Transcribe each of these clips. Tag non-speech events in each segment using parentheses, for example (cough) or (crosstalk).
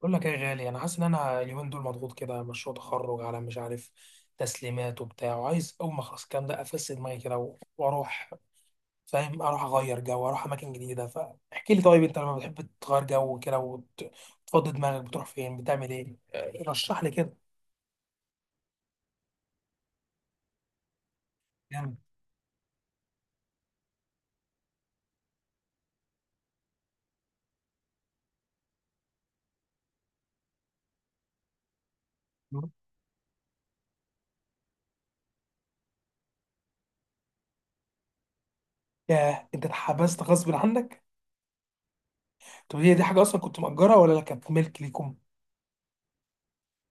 بقول لك ايه يا غالي، انا حاسس ان اليومين دول مضغوط كده، مشروع تخرج على مش عارف تسليمات وبتاع، وعايز اول ما اخلص الكلام ده افس دماغي كده و- واروح، فاهم؟ اروح اغير جو، اروح اماكن جديده. فاحكي لي، طيب انت لما بتحب تغير جو كده وت- وتفضي دماغك، بتروح فين؟ بتعمل ايه؟ آه، رشح لي كده. جامد. ياه، انت اتحبست غصب عنك؟ طب هي دي حاجه اصلا كنت مأجرها ولا لا، كانت ملك ليكم؟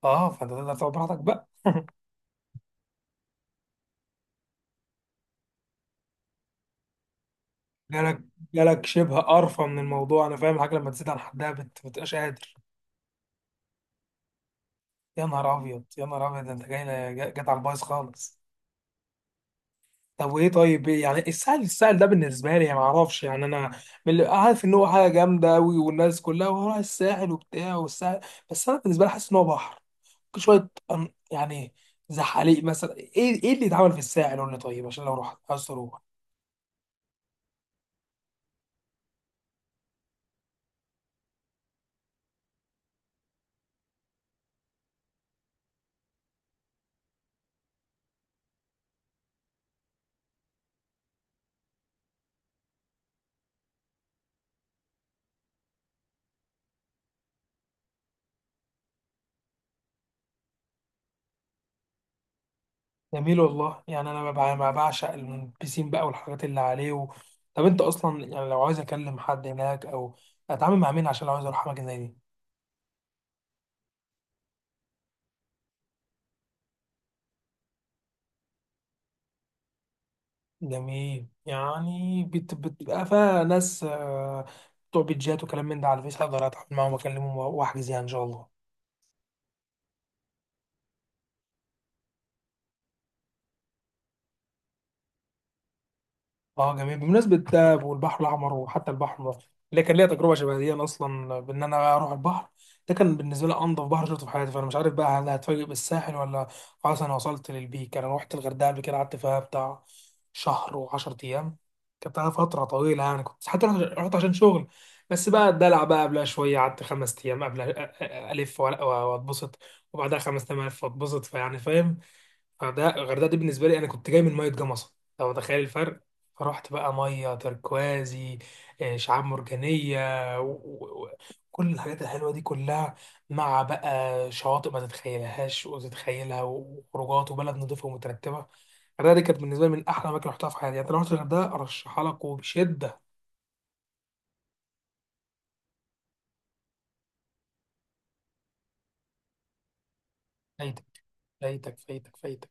اه، فانت تقدر تقعد براحتك بقى. جالك جالك شبه قرفه من الموضوع؟ انا فاهم، الحاجه لما تزيد عن حدها بتبقاش قادر. يا نهار ابيض يا نهار ابيض، ده انت جاي، جت على البايظ خالص. طب وايه؟ طيب إيه يعني السهل؟ السهل ده بالنسبه لي يعني، ما اعرفش يعني، انا من اللي عارف ان هو حاجه جامده قوي، والناس كلها وراح الساحل وبتاع والساحل، بس انا بالنسبه لي حاسس ان هو بحر، ممكن شويه يعني زحاليق مثلا. ايه ايه اللي اتعمل في الساحل؟ قول لي طيب، عشان لو رحت عايز اروح. جميل والله. يعني انا ما بعشق البيسين بقى والحاجات اللي عليه طب انت اصلا يعني، لو عايز اكلم حد هناك او اتعامل مع مين عشان لو عايز اروح اماكن زي دي؟ جميل، يعني بتبقى فيها ناس آه، بتوع بيتجات وكلام من ده على الفيس، اقدر اتعامل معاهم واكلمهم واحجز يعني ان شاء الله. اه جميل. بمناسبة ده، والبحر الأحمر وحتى البحر المتوسط، اللي كان ليا تجربة شبه دي، أنا أصلا بإن أنا أروح البحر، ده كان بالنسبة لي أنظف بحر شفته في حياتي. فأنا مش عارف بقى، هل هتفاجئ بالساحل ولا خلاص أنا وصلت للبيك؟ أنا روحت الغردقة قبل كده، قعدت فيها بتاع شهر وعشرة أيام، كانت على فترة طويلة. يعني كنت حتى رحت عشان شغل، بس بقى الدلع بقى قبلها شوية، قعدت خمس أيام قبل ألف وأ- وأتبسط، وبعدها خمس أيام ألف وأتبسط. فيعني فاهم؟ الغردقه، دي بالنسبه لي، انا كنت جاي من ميه جمصه، لو تخيل الفرق. فرحت بقى ميه تركوازي، آه، شعاب مرجانيه، وكل الحاجات الحلوه دي كلها، مع بقى شواطئ ما تتخيلهاش وتتخيلها، وخروجات، وبلد نظيفه ومترتبه. الغردقه دي كانت بالنسبه لي من احلى اماكن رحتها في حياتي. يعني لو رحت الغردقه، ارشحها لك وبشده. فايتك، فايتك.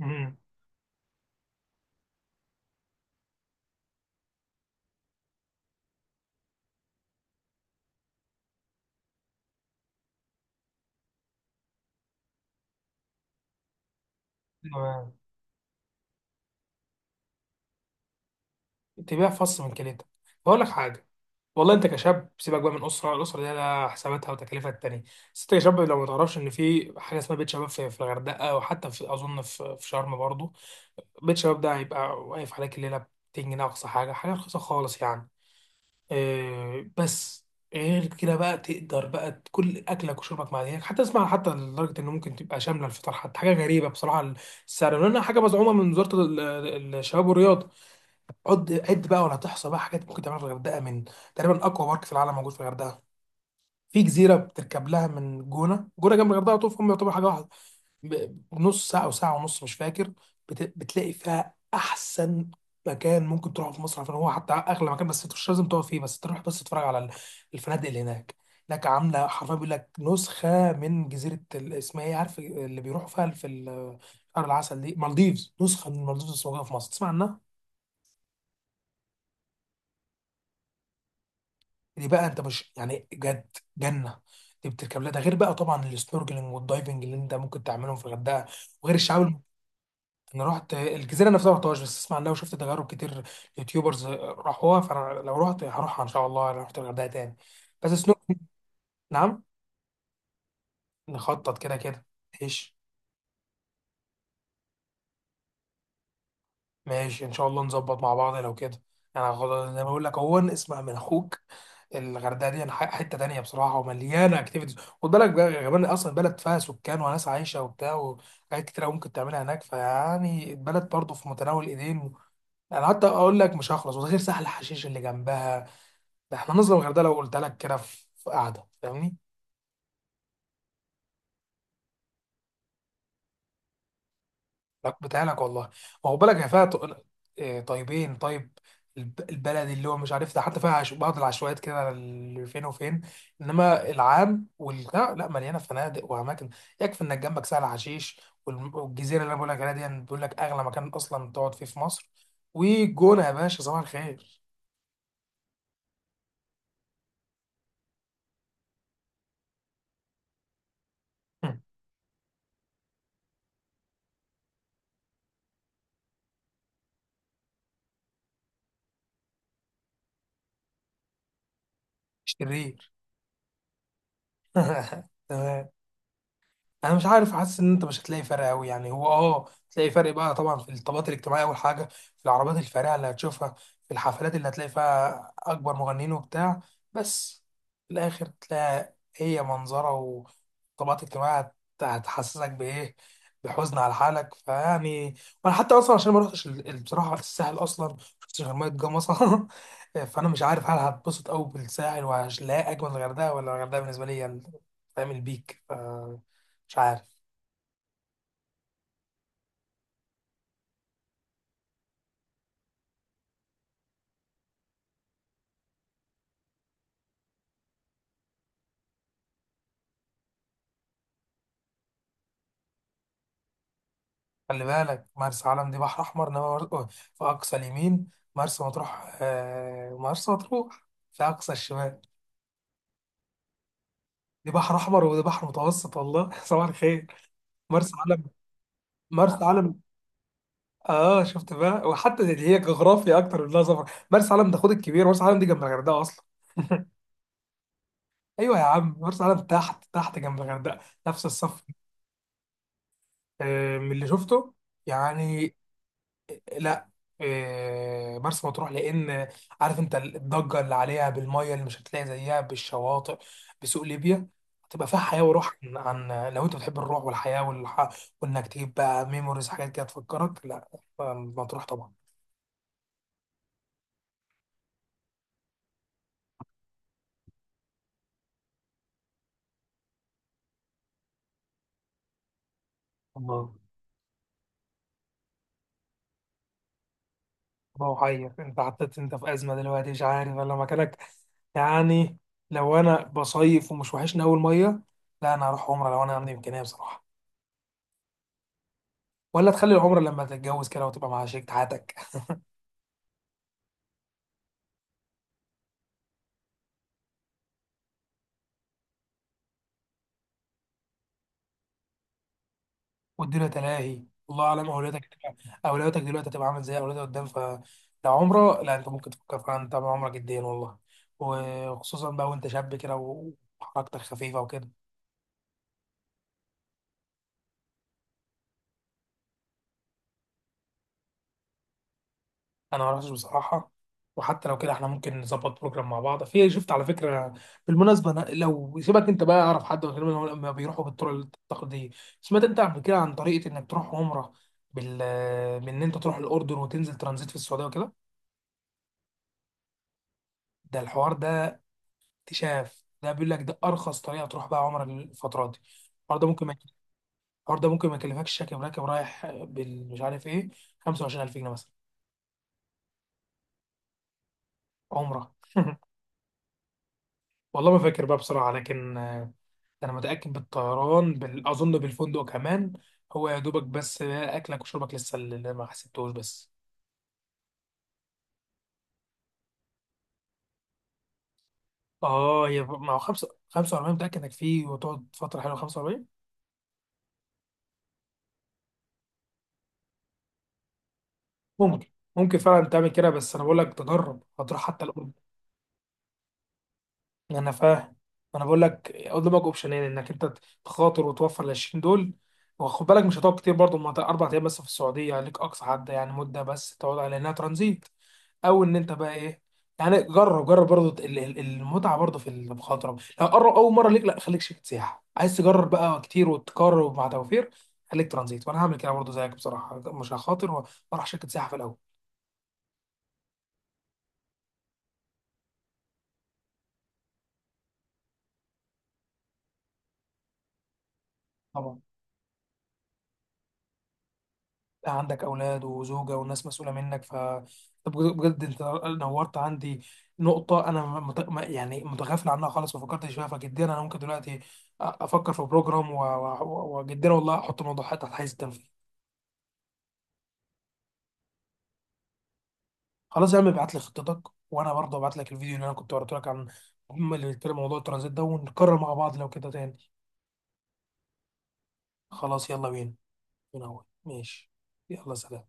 امم تمام. تبيع فص من كليتك. بقول لك حاجه، والله انت كشاب، سيبك بقى من اسره، الاسره دي لها حساباتها وتكلفها التانية، بس انت كشاب لو ما تعرفش ان في حاجه اسمها بيت شباب، في الغردقه وحتى في، اظن، في شرم برضه. بيت شباب ده هيبقى واقف عليك الليله ب 200 جنيه، اقصى حاجه، حاجه رخيصه خالص يعني. إيه بس، غير كده بقى تقدر بقى كل اكلك وشربك مع هناك حتى، اسمع حتى، لدرجه انه ممكن تبقى شامله الفطار حتى، حاجه غريبه بصراحه السعر، لانها حاجه مزعومه من وزاره الشباب والرياضه. عد عد بقى ولا تحصى بقى حاجات ممكن تعملها في الغردقه. من، تقريبا، اقوى بارك في العالم موجود في الغردقه، في جزيره بتركب لها من جونه، جنب الغردقه على طول، فهم يعتبر حاجه واحده، ب- بنص ساعه او ساعه ونص، مش فاكر. بتلاقي فيها احسن مكان ممكن تروحه في مصر، عشان هو حتى اغلى مكان، بس انت مش لازم تقف فيه، بس تروح بس تتفرج على الفنادق اللي هناك. هناك عامله حرفيا، بيقول لك، نسخه من جزيره اسمها ايه، عارف اللي بيروحوا فيها في شهر العسل، دي مالديفز. نسخه من مالديفز بس موجوده في مصر، تسمع عنها؟ دي بقى انت مش يعني، جد جنه. دي بتركب لها. ده غير بقى طبعا السنوركلينج والدايفنج اللي انت ممكن تعملهم في الغردقه، وغير الشعاب انا رحت الجزيره نفسها، ما رحتهاش، بس اسمع عنها وشفت تجارب كتير، يوتيوبرز راحوها. فانا لو رحت هروحها ان شاء الله، لو رحت الغردقه تاني. بس سنوك. نعم؟ نخطط كده كده. ايش؟ ماشي ان شاء الله نظبط مع بعض لو كده. انا يعني زي ما بقول لك اهو، اسمع من اخوك، الغردقه دي حته تانية بصراحه، ومليانه اكتيفيتيز. خد بالك بقى كمان، اصلا بلد فيها سكان وناس عايشه وبتاع، وحاجات كتير أوي ممكن تعملها هناك. فيعني، البلد برضه في متناول ايدين. انا حتى اقول لك مش هخلص، وده غير سهل حشيش اللي جنبها، ده احنا نظلم الغردقه لو قلت لك كده في، قعده، فاهمني؟ لا، بتاعلك والله. ما هو بالك، هي فيها إيه، طيبين. طيب البلدي اللي هو مش عارف ده، حتى فيها بعض العشوائيات كده اللي فين وفين، انما العام والبتاع لا، مليانه فنادق واماكن. يكفي انك جنبك سهل حشيش، والم- والجزيره اللي انا بقول لك عليها دي، بيقول لك اغلى مكان اصلا تقعد فيه في مصر، والجونه يا باشا صباح الخير. (laughs) شرير. (laughs) تمام. انا مش عارف، حاسس ان انت مش هتلاقي فرق قوي، يعني هو اه تلاقي فرق بقى طبعا في الطبقات الاجتماعيه اول حاجه، في العربيات الفارهه اللي هتشوفها، في الحفلات اللي هتلاقي فيها اكبر مغنيين وبتاع، بس في الاخر تلاقي هي منظره وطبقات اجتماعيه هتحسسك بايه؟ بحزن على حالك. فيعني، وانا حتى اصلا عشان ما رحتش بصراحه الساحل اصلا، ما شفتش غير ميه جمصه (laughs) فانا مش عارف هل هتبسط قوي بالساحل وهلاقي اجمل الغردقه، ولا الغردقه بالنسبه لي هي فاهم، البيك، مش عارف. خلي بالك، مرسى علم دي بحر احمر، انما في اقصى اليمين، مرسى مطروح آه، مرسى مطروح في اقصى الشمال. دي بحر احمر وده بحر متوسط، والله (laughs) صباح الخير. مرسى علم، مرسى علم اه شفت بقى، وحتى دي هي جغرافيا اكتر من انها سفر. مرسى علم ده، خد الكبير، مرسى علم دي جنب الغردقه اصلا. ايوه يا عم، مرسى علم تحت تحت جنب الغردقه، نفس الصف. آه من اللي شفته يعني. لا إيه، مرسى مطروح، لان، عارف انت الضجه اللي عليها، بالميه اللي مش هتلاقي زيها بالشواطئ، بسوق ليبيا، هتبقى فيها حياه وروح عن، لو انت بتحب الروح والحياه وانك تجيب بقى ميموريز، حاجات كده تفكرك، لا مطروح طبعا. الله، الله حير، انت حطيت انت في ازمه دلوقتي، مش عارف انا مكانك يعني. لو انا بصيف ومش وحشني اول ميه، لا انا هروح عمره لو انا عندي امكانيه بصراحه، ولا تخلي العمره لما تتجوز كده وتبقى مع شريك حياتك، والدنيا تلاهي، الله اعلم اولوياتك اولوياتك دلوقتي هتبقى عامله ازاي، اولوياتك قدام. فلو عمره، لا انت ممكن تفكر فعلا طبعا، عمرك جدا والله، وخصوصا بقى وانت شاب كده و- وحركتك خفيفه وكده. انا ما رحتش بصراحه، وحتى لو كده احنا ممكن نظبط بروجرام مع بعض. في شفت على فكره بالمناسبه، أنا لو سيبك انت بقى، اعرف حد غير، لما بيروحوا بالطرق التقليديه، سمعت انت قبل كده عن طريقه انك تروح عمره بال، بان انت تروح الاردن وتنزل ترانزيت في السعوديه وكده؟ ده الحوار ده اكتشاف، ده بيقول لك ده ارخص طريقه تروح بقى عمره الفتره دي. الحوار ده ممكن ما يكلفكش، راكب راكب رايح بال مش عارف ايه، 25000 جنيه مثلا. عمره (laughs) والله ما فاكر بقى بصراحه، لكن آه، انا متاكد بالطيران بال، اظن بالفندق كمان، هو يا دوبك بس اكلك وشربك لسه اللي ما حسبتوش بس. اه يا ما هو 5 45، متاكد انك فيه وتقعد فتره حلوه 45. ممكن، ممكن فعلا تعمل كده، بس انا بقول لك تجرب، هتروح حتى الأردن. انا فاهم، انا بقول لك قدامك اوبشنين، انك انت تخاطر وتوفر ال 20 دول، وخد بالك مش هتقعد كتير برضه، ما اربع ايام بس في السعوديه عليك اقصى حد يعني مده، بس تقعد على انها ترانزيت، او ان انت بقى ايه يعني، جرب جرب برضه المتعه برضه في المخاطره، لو قرب اول مره ليك لا، خليك شركه سياحه، عايز تجرب بقى كتير وتكرر مع توفير، خليك ترانزيت. وانا هعمل كده برضه زيك بصراحه، مش هخاطر، واروح شركه سياحه في الاول. طبعا عندك أولاد وزوجة وناس مسؤولة منك، ف، طب بجد بجد أنت نورت عندي نقطة، أنا مت... ما- يعني متغافل عنها خالص، ما فكرتش فيها. فجديا أنا ممكن دلوقتي أفكر في بروجرام و- و- و- وجديا والله أحط الموضوع حتى تحت حيز التنفيذ. خلاص يا عم، ابعت لي خطتك وأنا برضه ابعت لك الفيديو اللي أنا كنت وريته لك، عن هم اللي بيتكلم موضوع الترانزيت ده، ونكرر مع بعض لو كده تاني. خلاص يلا بينا، من أول ماشي. يلا سلام.